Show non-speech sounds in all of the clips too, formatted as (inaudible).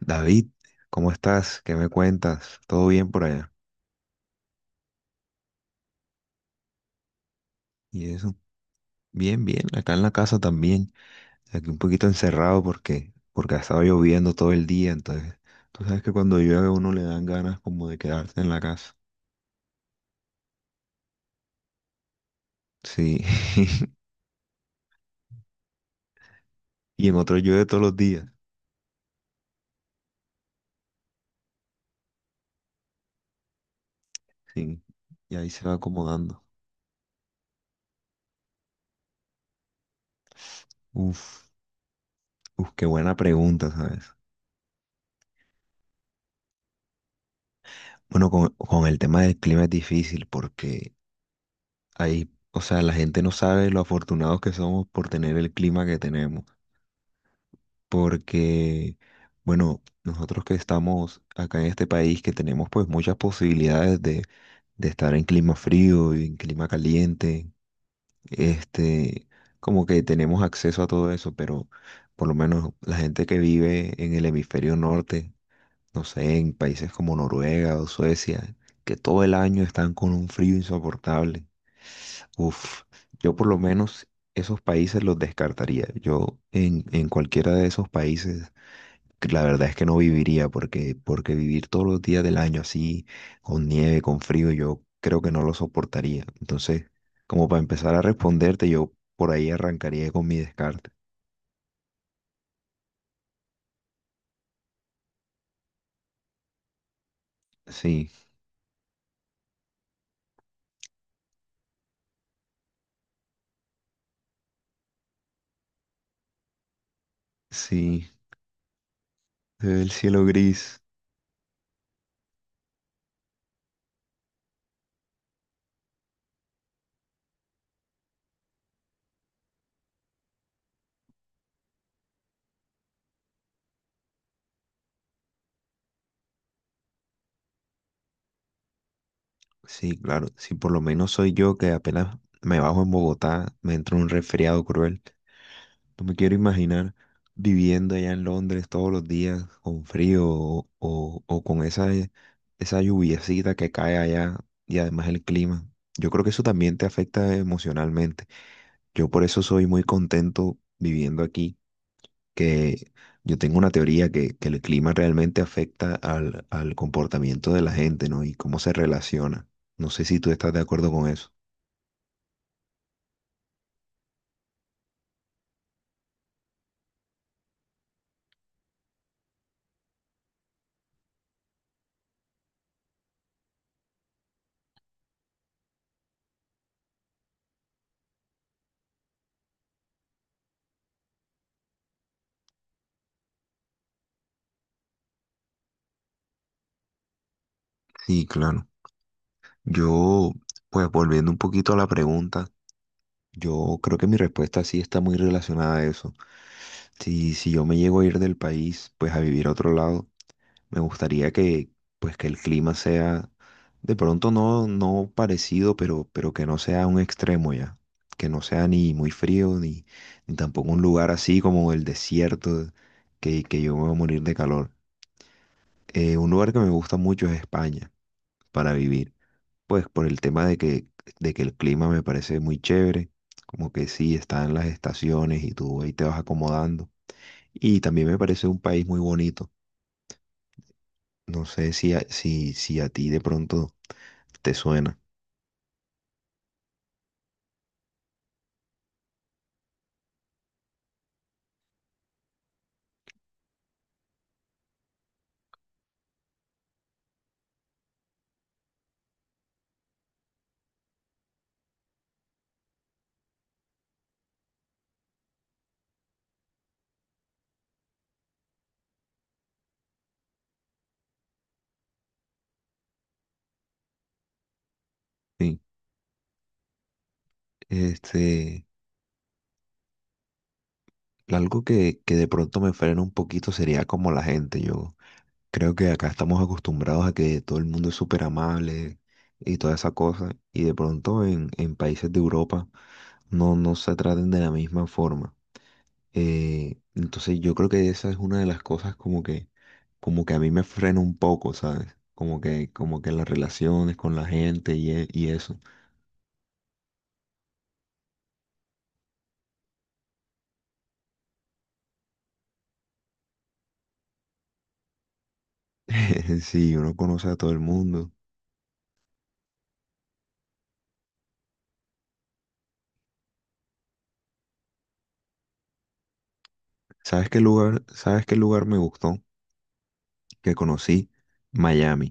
David, ¿cómo estás? ¿Qué me cuentas? ¿Todo bien por allá? Y eso, bien, bien, acá en la casa también, aquí un poquito encerrado porque ha estado lloviendo todo el día, entonces, tú sabes que cuando llueve a uno le dan ganas como de quedarse en la casa. Sí. (laughs) Y en otro llueve todos los días, sí, y ahí se va acomodando. Uf, uf, qué buena pregunta, ¿sabes? Bueno, con el tema del clima es difícil porque ahí, o sea, la gente no sabe lo afortunados que somos por tener el clima que tenemos. Porque, bueno, nosotros que estamos acá en este país, que tenemos pues muchas posibilidades de estar en clima frío y en clima caliente, este, como que tenemos acceso a todo eso, pero por lo menos la gente que vive en el hemisferio norte, no sé, en países como Noruega o Suecia, que todo el año están con un frío insoportable. Uf, yo por lo menos esos países los descartaría. Yo en cualquiera de esos países que la verdad es que no viviría porque vivir todos los días del año así, con nieve, con frío, yo creo que no lo soportaría. Entonces, como para empezar a responderte, yo por ahí arrancaría con mi descarte. Sí, sí, se ve el cielo gris. Sí, claro, si por lo menos soy yo que apenas me bajo en Bogotá, me entra un resfriado cruel. No me quiero imaginar viviendo allá en Londres todos los días con frío o con esa, esa lluviecita que cae allá y además el clima. Yo creo que eso también te afecta emocionalmente. Yo por eso soy muy contento viviendo aquí, que yo tengo una teoría que el clima realmente afecta al comportamiento de la gente, ¿no? Y cómo se relaciona. No sé si tú estás de acuerdo con eso. Sí, claro. Yo, pues volviendo un poquito a la pregunta. Yo creo que mi respuesta sí está muy relacionada a eso. Si yo me llego a ir del país, pues a vivir a otro lado, me gustaría que, pues que el clima sea, de pronto no parecido, pero que no sea un extremo ya. Que no sea ni muy frío, ni, ni tampoco un lugar así como el desierto, que yo me voy a morir de calor. Un lugar que me gusta mucho es España para vivir. Pues por el tema de que el clima me parece muy chévere, como que sí, están las estaciones y tú ahí te vas acomodando. Y también me parece un país muy bonito. No sé si a, si a ti de pronto te suena. Sí. Este, algo que de pronto me frena un poquito sería como la gente. Yo creo que acá estamos acostumbrados a que todo el mundo es súper amable y toda esa cosa. Y de pronto en países de Europa no, no se traten de la misma forma. Entonces yo creo que esa es una de las cosas como como que a mí me frena un poco, ¿sabes? Como que las relaciones con la gente y, y eso. (laughs) Sí, uno conoce a todo el mundo. Sabes qué lugar me gustó? Que conocí Miami.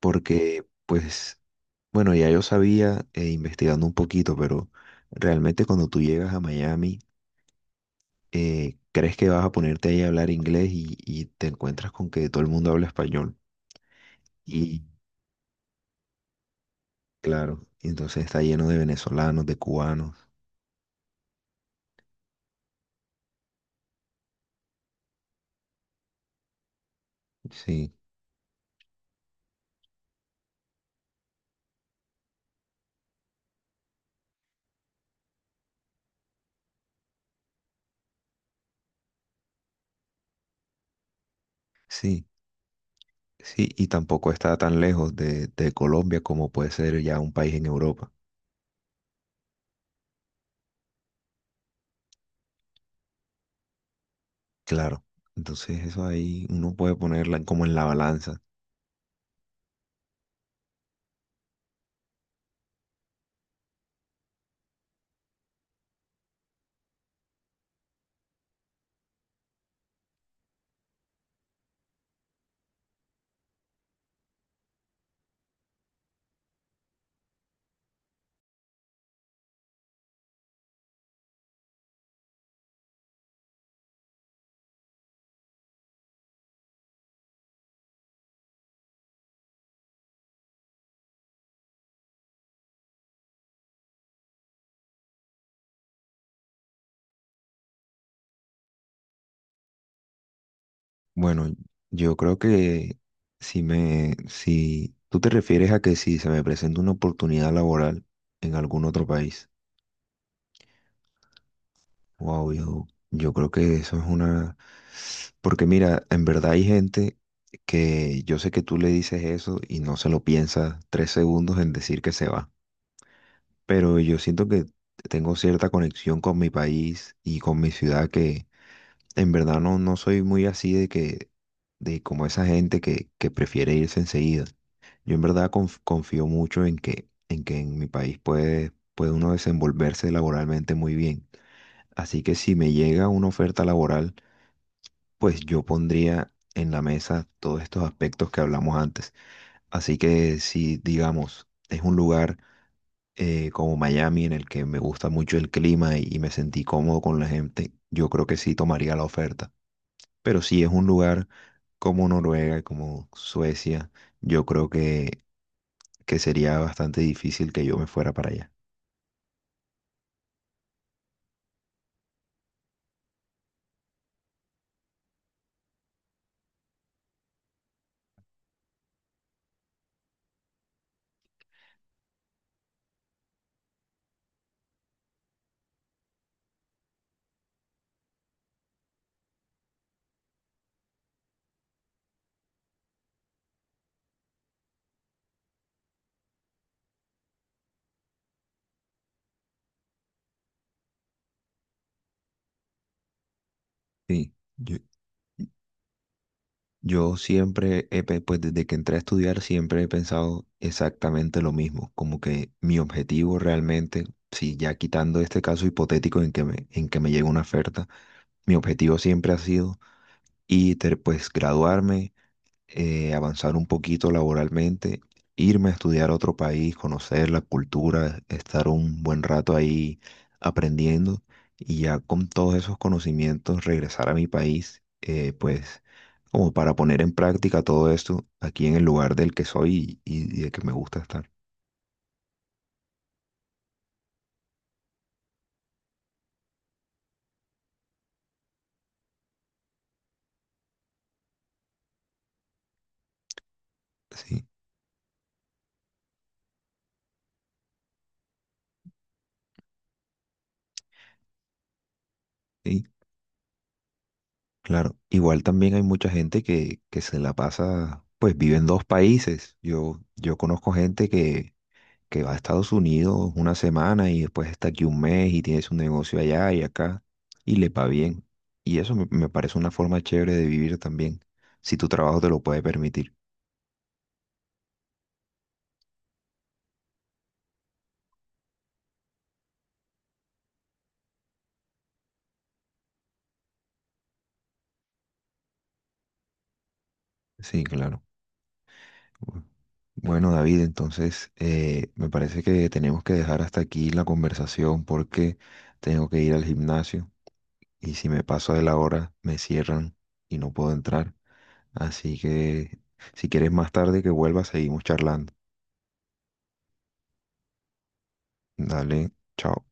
Porque, pues, bueno, ya yo sabía investigando un poquito, pero realmente cuando tú llegas a Miami, crees que vas a ponerte ahí a hablar inglés y te encuentras con que todo el mundo habla español. Claro, y entonces está lleno de venezolanos, de cubanos, sí, sí, sí, y tampoco está tan lejos de Colombia como puede ser ya un país en Europa, claro, entonces eso ahí uno puede ponerla en- como en la balanza. Bueno, yo creo que si me, si tú te refieres a que si se me presenta una oportunidad laboral en algún otro país, wow, yo creo que eso es una... Porque mira, en verdad hay gente que yo sé que tú le dices eso y no se lo piensa tres segundos en decir que se va. Pero yo siento que tengo cierta conexión con mi país y con mi ciudad que en verdad no, no soy muy así de que, de como esa gente que prefiere irse enseguida. Yo en verdad confío mucho en que en mi país puede uno desenvolverse laboralmente muy bien. Así que si me llega una oferta laboral, pues yo pondría en la mesa todos estos aspectos que hablamos antes. Así que si, digamos, es un lugar como Miami en el que me gusta mucho el clima y me sentí cómodo con la gente, yo creo que sí tomaría la oferta. Pero si es un lugar como Noruega, como Suecia, yo creo que sería bastante difícil que yo me fuera para allá. Sí, yo. Yo siempre, pues desde que entré a estudiar, siempre he pensado exactamente lo mismo, como que mi objetivo realmente, si ya quitando este caso hipotético en que me llega una oferta, mi objetivo siempre ha sido y pues graduarme, avanzar un poquito laboralmente, irme a estudiar a otro país, conocer la cultura, estar un buen rato ahí aprendiendo y ya con todos esos conocimientos regresar a mi país, pues como para poner en práctica todo esto aquí en el lugar del que soy y de que me gusta estar. Sí, sí, claro. Igual también hay mucha gente que se la pasa, pues vive en dos países. Yo conozco gente que va a Estados Unidos una semana y después está aquí un mes y tiene su negocio allá y acá y le va bien. Y eso me, me parece una forma chévere de vivir también, si tu trabajo te lo puede permitir. Sí, claro. Bueno, David, entonces me parece que tenemos que dejar hasta aquí la conversación porque tengo que ir al gimnasio y si me paso de la hora me cierran y no puedo entrar. Así que si quieres más tarde que vuelva, seguimos charlando. Dale, chao.